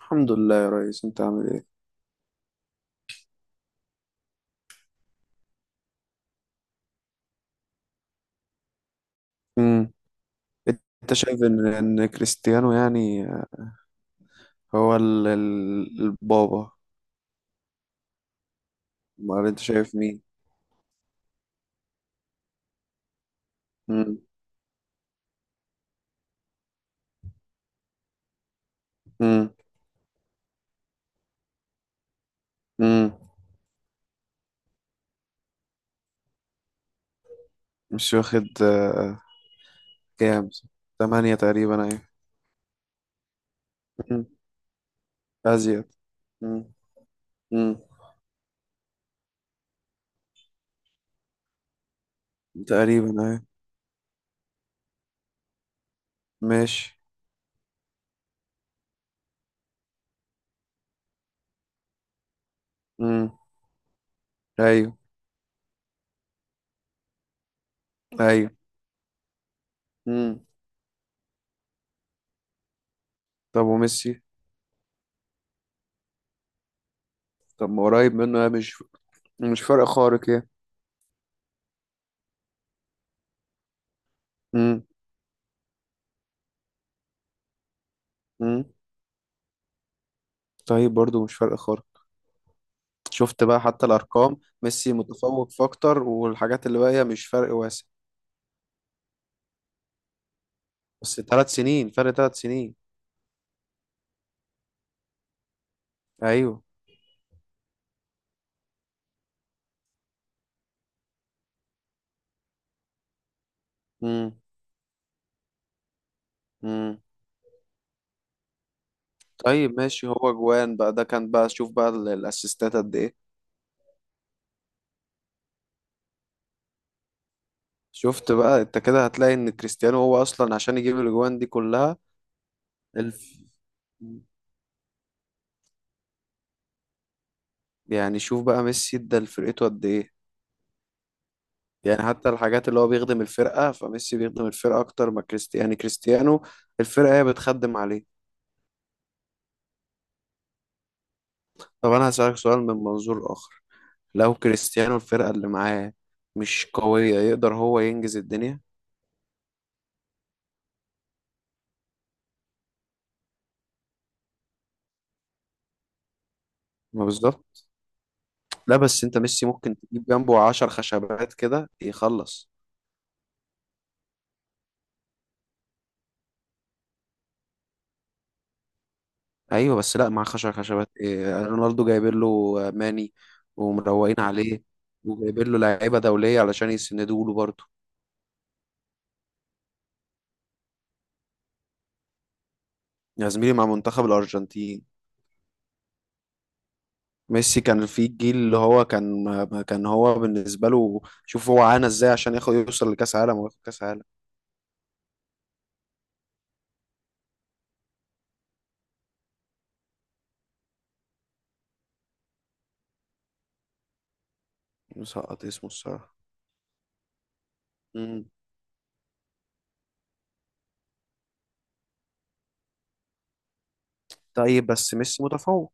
الحمد لله يا ريس، انت عامل ايه؟ امم انت شايف ان كريستيانو يعني هو البابا؟ امال انت شايف مين؟ امم امم امم مش واخد. كام؟ ثمانية تقريبا اهي. امم. ازيد. امم. امم. تقريبا اهي. ماشي. امم. ايوه. ايوه. امم. طب وميسي؟ طب ما قريب منه، يا مش فرق خارق يعني. امم. امم. طيب، برضو مش فرق خارق. شفت بقى حتى الارقام، ميسي متفوق في اكتر، والحاجات اللي باقيه مش فرق واسع. بس ثلاث سنين، فرق ثلاث سنين. ايوه. امم. امم. طيب ماشي، هو جوان بقى ده كان بقى، شوف بقى الاسيستات قد ايه؟ شفت بقى انت كده هتلاقي ان كريستيانو هو اصلا عشان يجيب الاجوان دي كلها. الف... يعني شوف بقى ميسي ادى لفرقته قد ايه. يعني حتى الحاجات اللي هو بيخدم الفرقه، فميسي بيخدم الفرقه اكتر ما كريستيانو. يعني كريستيانو الفرقه هي بتخدم عليه. طب انا هسألك سؤال من منظور اخر، لو كريستيانو الفرقة اللي معاه مش قوية، يقدر هو ينجز الدنيا؟ ما بالظبط. لا، بس انت ميسي ممكن تجيب جنبه عشر خشبات كده يخلص. ايوه، بس لا، مع عشر خشبات إيه، رونالدو جايبين له ماني ومروقين عليه وجايبين له لعيبة دولية علشان يسندوا له برضه. يا زميلي، مع منتخب الأرجنتين، ميسي كان في الجيل اللي هو كان ما كان هو بالنسبة له، شوف هو عانى ازاي عشان ياخد يوصل لكأس عالم وياخد كأس عالم. مسقط اسمه الصراحة. مم. طيب، بس ميسي متفوق.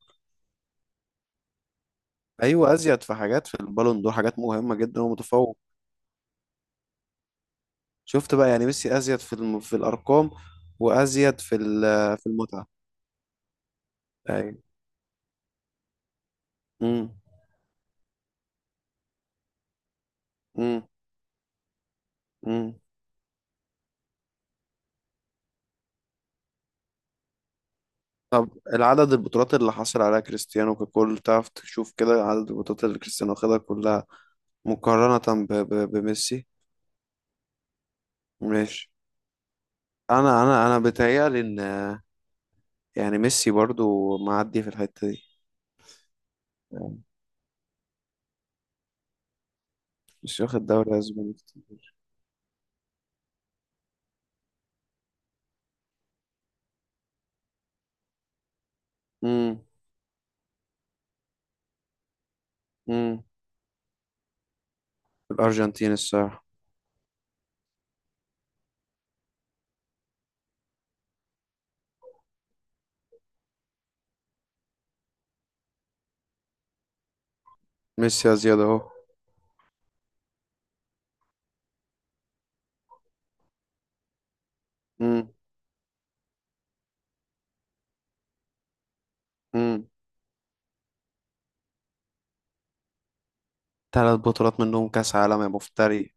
ايوه، ازيد في حاجات، في البالون دور، حاجات مهمه جدا ومتفوق. شفت بقى يعني ميسي ازيد في الارقام، وازيد في المتعه. ايوه. امم. امم. امم. طب العدد، البطولات اللي حصل عليها كريستيانو ككل، تعرف تشوف كده عدد البطولات اللي كريستيانو خدها كلها مقارنه بميسي. ماشي. انا بيتهيألي ان يعني ميسي برضو معدي في الحته دي. يعني مش واخد دوري اسباني كتير. امم. الأرجنتين الصراحة. ميسي يا زياد أهو. مم. مم. تلات بطولات منهم كأس عالم يا مفتري،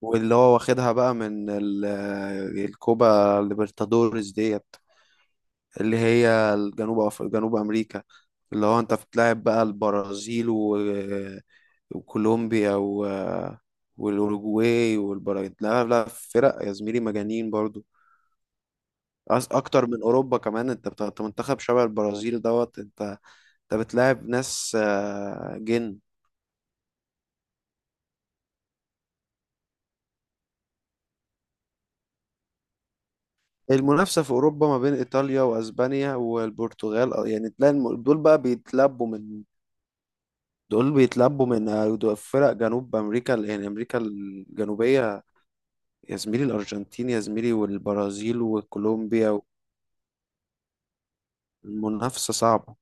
واللي هو واخدها بقى من الكوبا ليبرتادوريس ديت، اللي هي جنوب أمريكا، اللي هو أنت بتلعب بقى البرازيل و... آه، وكولومبيا و... آه، والأوروجواي والبراغيت. لا، لا فرق يا زميلي، مجانين برضو. أكتر من أوروبا كمان، أنت بتاع، أنت منتخب شبه البرازيل دوت، أنت أنت بتلاعب ناس. آه، جن المنافسة في أوروبا ما بين إيطاليا وأسبانيا والبرتغال، يعني تلاقي دول بقى بيتلبوا من، دول بيتلبوا من دول فرق جنوب أمريكا، يعني أمريكا الجنوبية. يا زميلي، الأرجنتين يا زميلي، والبرازيل وكولومبيا. المنافسة صعبة.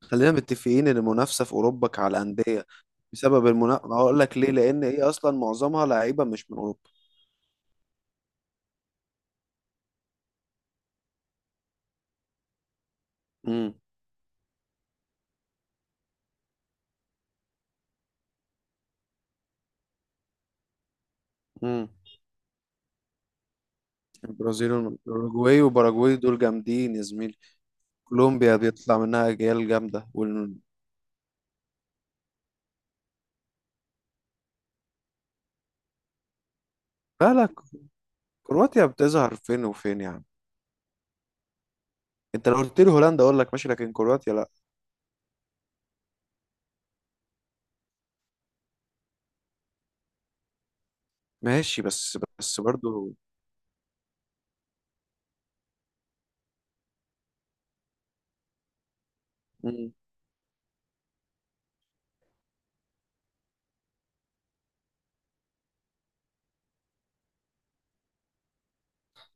خلينا متفقين إن المنافسة في أوروبا على الأندية. بسبب المنافسة هقول لك ليه، لأن إيه، أصلا معظمها لعيبة مش من أوروبا. امم. امم. البرازيل والأوروجواي وباراجواي دول جامدين يا زميلي. كولومبيا بيطلع منها أجيال جامدة لا، لا، كرواتيا بتظهر فين وفين يعني. انت لو قلت لي هولندا اقول لك ماشي، لكن كرواتيا لا. ماشي، بس برضو. مم.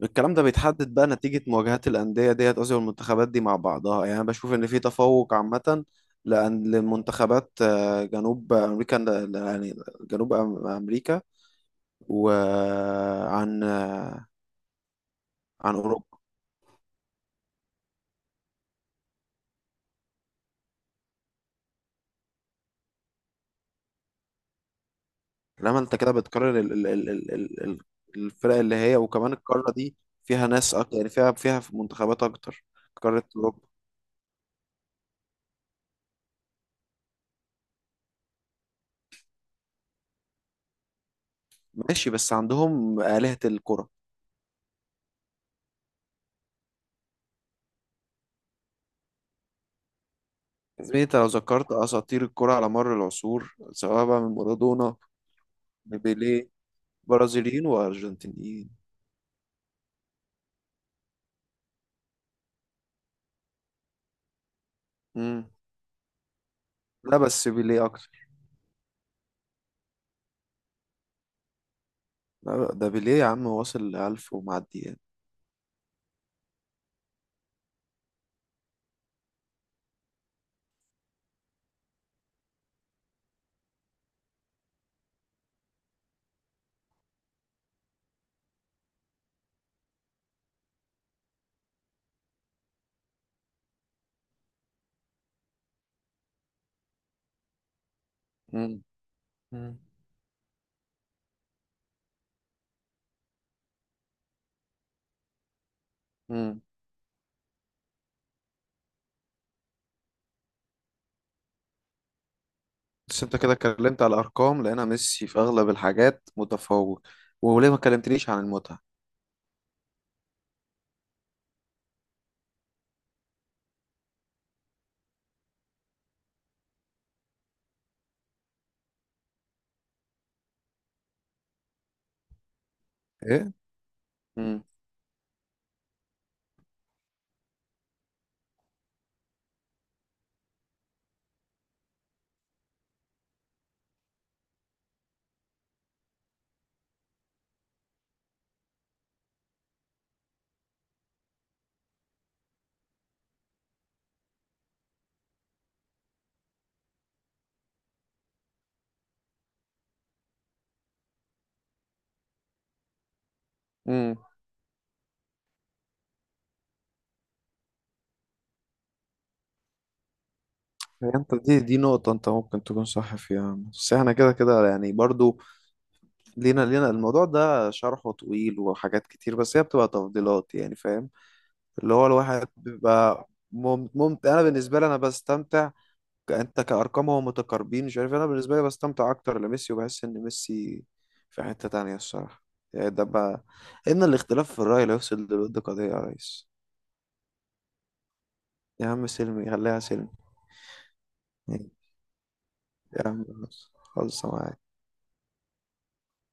الكلام ده بيتحدد بقى نتيجة مواجهات الأندية ديت، قصدي والمنتخبات دي مع بعضها، يعني أنا بشوف إن في تفوق عامة لأن للمنتخبات جنوب أمريكا، يعني جنوب أمريكا، وعن أوروبا. انما انت كده بتكرر ال الفرق اللي هي، وكمان القاره دي فيها ناس اكتر، يعني فيها منتخبات اكتر. قاره اوروبا. ماشي، بس عندهم آلهة الكرة. يا زميلي، انت لو ذكرت اساطير الكرة على مر العصور، سواء بقى من مارادونا لبيليه، برازيليين وارجنتينيين. امم. لا بس بيليه اكتر. لا، ده بيليه يا عم، واصل 1000 ومعدي يعني. امم. امم. بس انت كده اتكلمت على الارقام، لقينا ميسي في اغلب الحاجات متفوق، وليه ما كلمتنيش عن المتعه؟ ايه. امم. امم. انت دي نقطه انت ممكن تكون صح فيها، بس احنا كده كده يعني برضو لينا. الموضوع ده شرحه طويل وحاجات كتير، بس هي بتبقى تفضيلات يعني، فاهم؟ اللي هو الواحد بيبقى ممتع. انا بالنسبه لي انا بستمتع، انت كارقام هو متقاربين مش عارف، انا بالنسبه لي بستمتع اكتر لميسي وبحس ان ميسي في حته تانية الصراحه. يعني ده بقى، ان الاختلاف في الراي لا يفسد للود قضيه يا ريس. يا عم سلمي خليها سلمي. يا عم خلاص، خلص معاك.